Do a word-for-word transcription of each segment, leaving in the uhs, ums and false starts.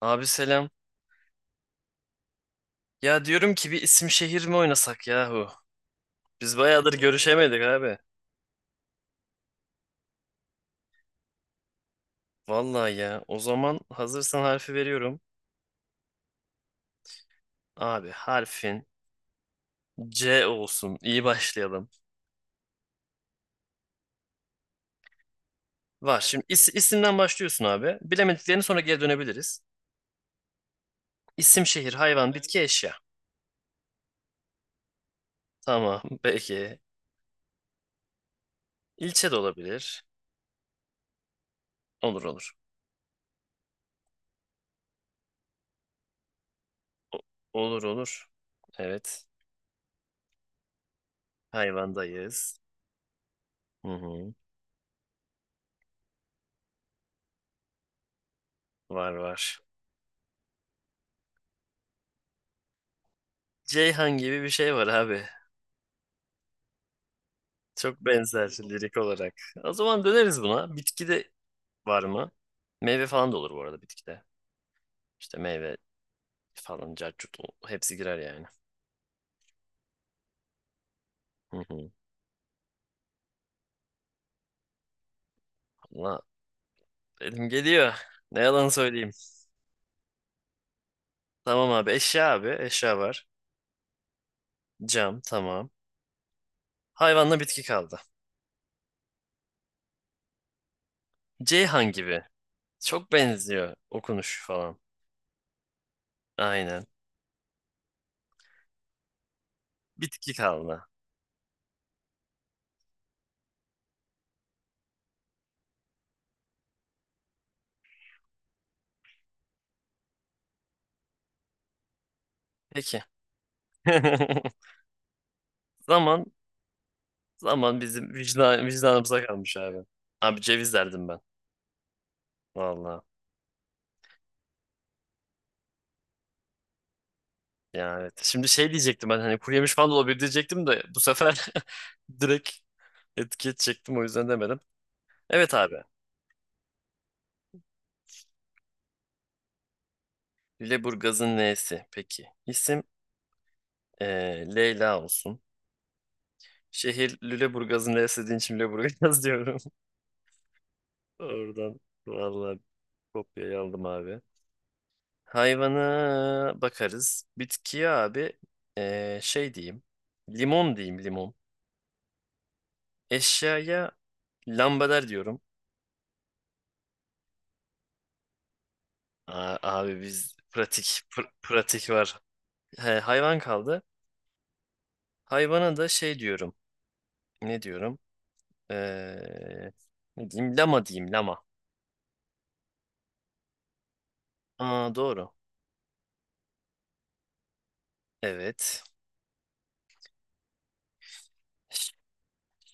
Abi selam. Ya diyorum ki bir isim şehir mi oynasak yahu? Biz bayağıdır görüşemedik abi. Vallahi ya. O zaman hazırsan harfi veriyorum. Abi harfin C olsun. İyi başlayalım. Var. Şimdi is- isimden başlıyorsun abi. Bilemediklerini sonra geri dönebiliriz. İsim, şehir, hayvan, bitki, eşya. Tamam. Peki. İlçe de olabilir. Olur olur. Olur olur. Evet. Hayvandayız. Hı hı. Var var. Ceyhan gibi bir şey var abi. Çok benzer lirik olarak. O zaman döneriz buna. Bitki de var mı? Meyve falan da olur bu arada bitkide. İşte meyve falan, caccut o- hepsi girer yani. Hı hı. Valla elim geliyor. Ne yalan söyleyeyim. Tamam abi eşya abi. Eşya var. Cam tamam. Hayvanla bitki kaldı. Ceyhan gibi. Çok benziyor okunuş falan. Aynen. Bitki kaldı. Peki. Zaman zaman bizim vicdan, vicdanımıza kalmış abi. Abi ceviz derdim ben. Vallahi. Ya evet. Şimdi şey diyecektim ben hani kuru yemiş falan da olabilir diyecektim de bu sefer direkt etiket çektim o yüzden demedim. Evet abi. Lüleburgaz'ın L'si. Peki. İsim eee, Leyla olsun. Şehir Lüleburgaz'ın L'si dediğin için Lüleburgaz diyorum. Oradan vallahi kopyayı aldım abi. Hayvana bakarız. Bitkiye abi eee, şey diyeyim. Limon diyeyim limon. Eşyaya lambader diyorum. Aa, abi biz pratik pr- pratik var. He, hayvan kaldı. Hayvana da şey diyorum. Ne diyorum? Ee, ne diyeyim? Lama diyeyim lama. Aa, doğru. Evet.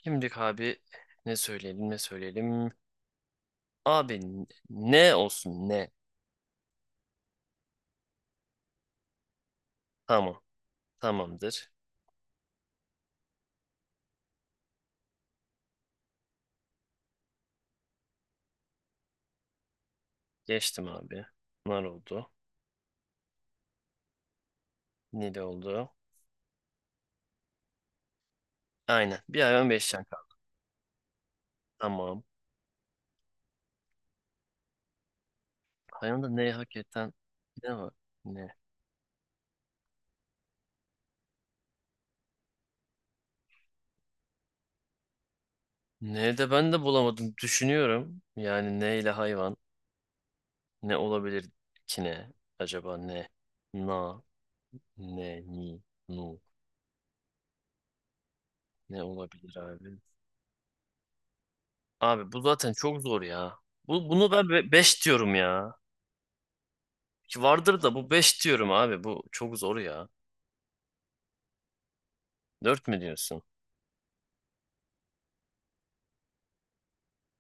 Şimdi abi ne söyleyelim ne söyleyelim. Abi n- ne olsun ne? Tamam. Tamamdır. Geçtim abi. Nar oldu. Nil oldu. Aynen. Bir hayvan beş can kaldı. Tamam. Hayvanda neyi hak eden ne var? Ne? Ne de ben de bulamadım. Düşünüyorum. Yani ne ile hayvan. Ne olabilir ki ne? Acaba ne? Na, ne, ni, nu. Ne olabilir abi? Abi bu zaten çok zor ya. Bu, bunu ben beş diyorum ya. Ki vardır da bu beş diyorum abi. Bu çok zor ya. Dört mü diyorsun?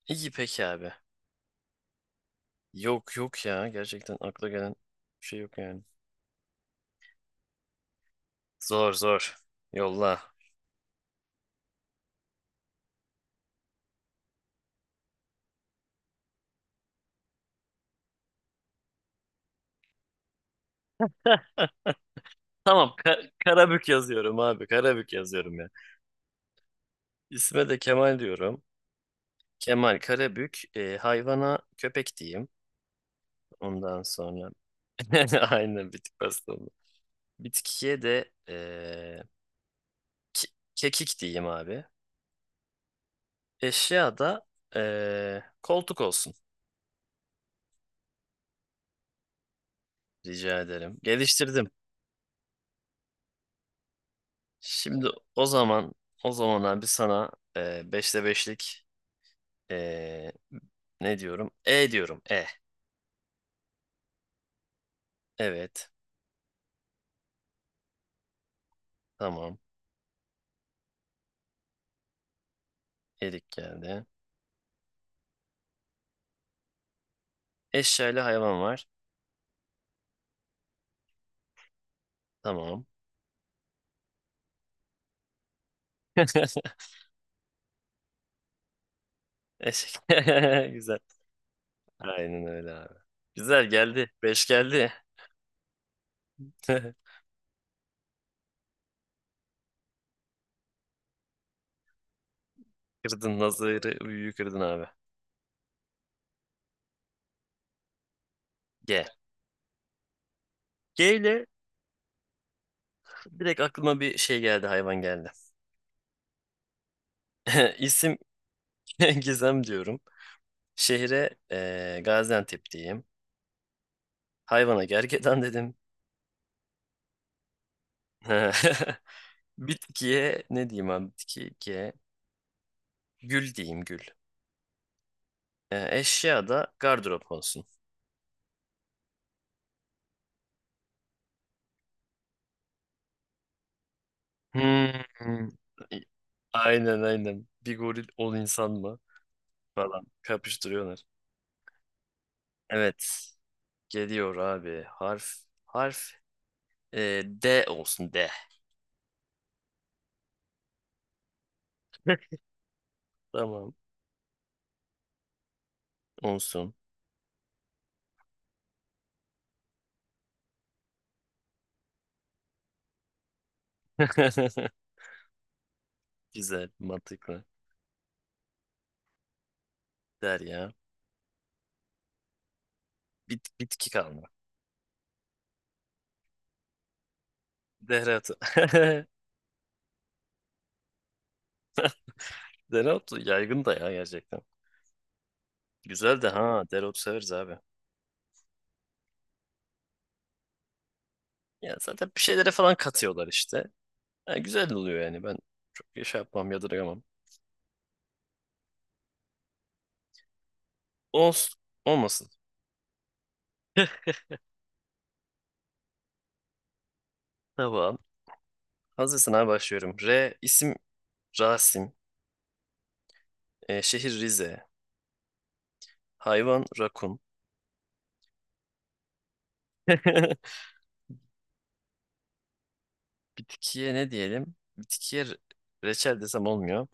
İyi peki abi. Yok yok ya. Gerçekten akla gelen bir şey yok yani. Zor zor. Yolla. Tamam Ka- Karabük yazıyorum abi. Karabük yazıyorum ya. İsme de Kemal diyorum. Kemal Karabük. E, hayvana köpek diyeyim. Ondan sonra aynen bitik pasta oldu. Bitkiye de eee, ke- kekik diyeyim abi. Eşya da eee, koltuk olsun. Rica ederim. Geliştirdim. Şimdi o zaman o zaman abi sana eee beşte beşlik eee, ne diyorum? E diyorum. E. Evet. Tamam. Erik geldi. Eşya ile hayvan var. Tamam. Eşek. Güzel. Aynen öyle abi. Güzel geldi. Beş geldi. Kırdın nazarı, büyüyü kırdın abi. G. G ile direkt aklıma bir şey geldi, hayvan geldi. İsim Gizem diyorum. Şehre eee, Gaziantep diyeyim. Hayvana gergedan dedim. Bitkiye ne diyeyim abi? Bitki G. Gül diyeyim gül. Eee, eşya da gardırop olsun. Hmm. Aynen aynen. Bir goril on insan mı? Falan kapıştırıyorlar. Evet. Geliyor abi. Harf. Harf Ee, D olsun D. Tamam. Olsun. Güzel, mantıklı. Der ya. Bit, bitki kalma. Dereotu. Dereotu yaygın da ya gerçekten. Güzel de ha. Dereotu severiz abi. Ya zaten bir şeylere falan katıyorlar işte. Ha, güzel oluyor yani. Ben çok şey yapmam, yadırgamam. Olsun. Olmasın. Tamam. Hazırsın abi başlıyorum. R isim Rasim. Ee, şehir Rize. Hayvan rakun. Bitkiye ne diyelim? Bitkiye re- reçel desem olmuyor.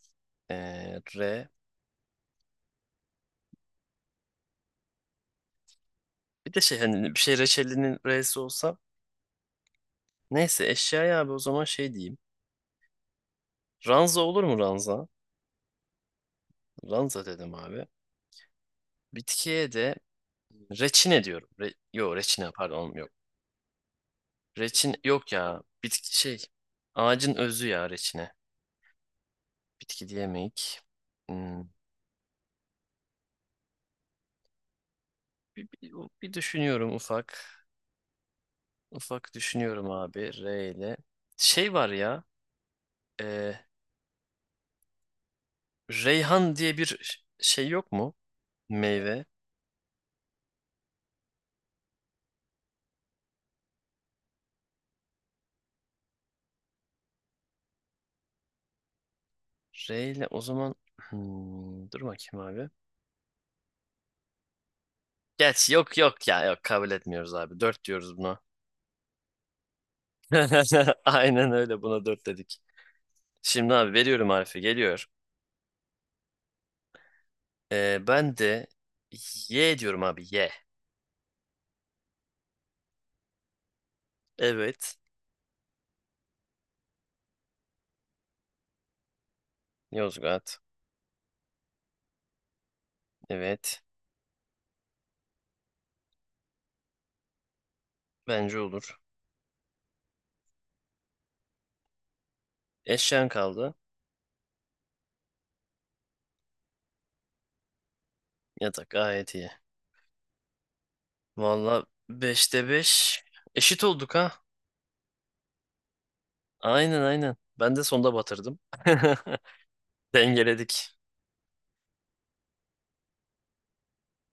Ee, re. Bir de şey hani bir şey reçelinin re'si olsa. Neyse eşyaya abi o zaman şey diyeyim. Ranza olur mu ranza? Ranza dedim abi. Bitkiye de reçine diyorum. Re yo reçine pardon yok. Reçin yok ya. Bitki şey. Ağacın özü ya reçine. Bitki diyemeyik. Hmm. Bir, bir, bir düşünüyorum ufak. Ufak düşünüyorum abi. R ile. Şey var ya. E, Reyhan diye bir şey yok mu? Meyve. Reyle o zaman. Hmm, dur bakayım abi. Geç yok yok ya yok kabul etmiyoruz abi. Dört diyoruz buna. Aynen öyle buna dört dedik. Şimdi abi veriyorum harfi geliyor. Ee, ben de Y diyorum abi Y. Evet. Yozgat. Evet. Bence olur. Eşyan kaldı. Yatak gayet iyi. Valla beşte beş eşit olduk ha. Aynen aynen. Ben de sonda batırdım. Dengeledik.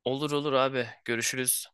Olur olur abi. Görüşürüz.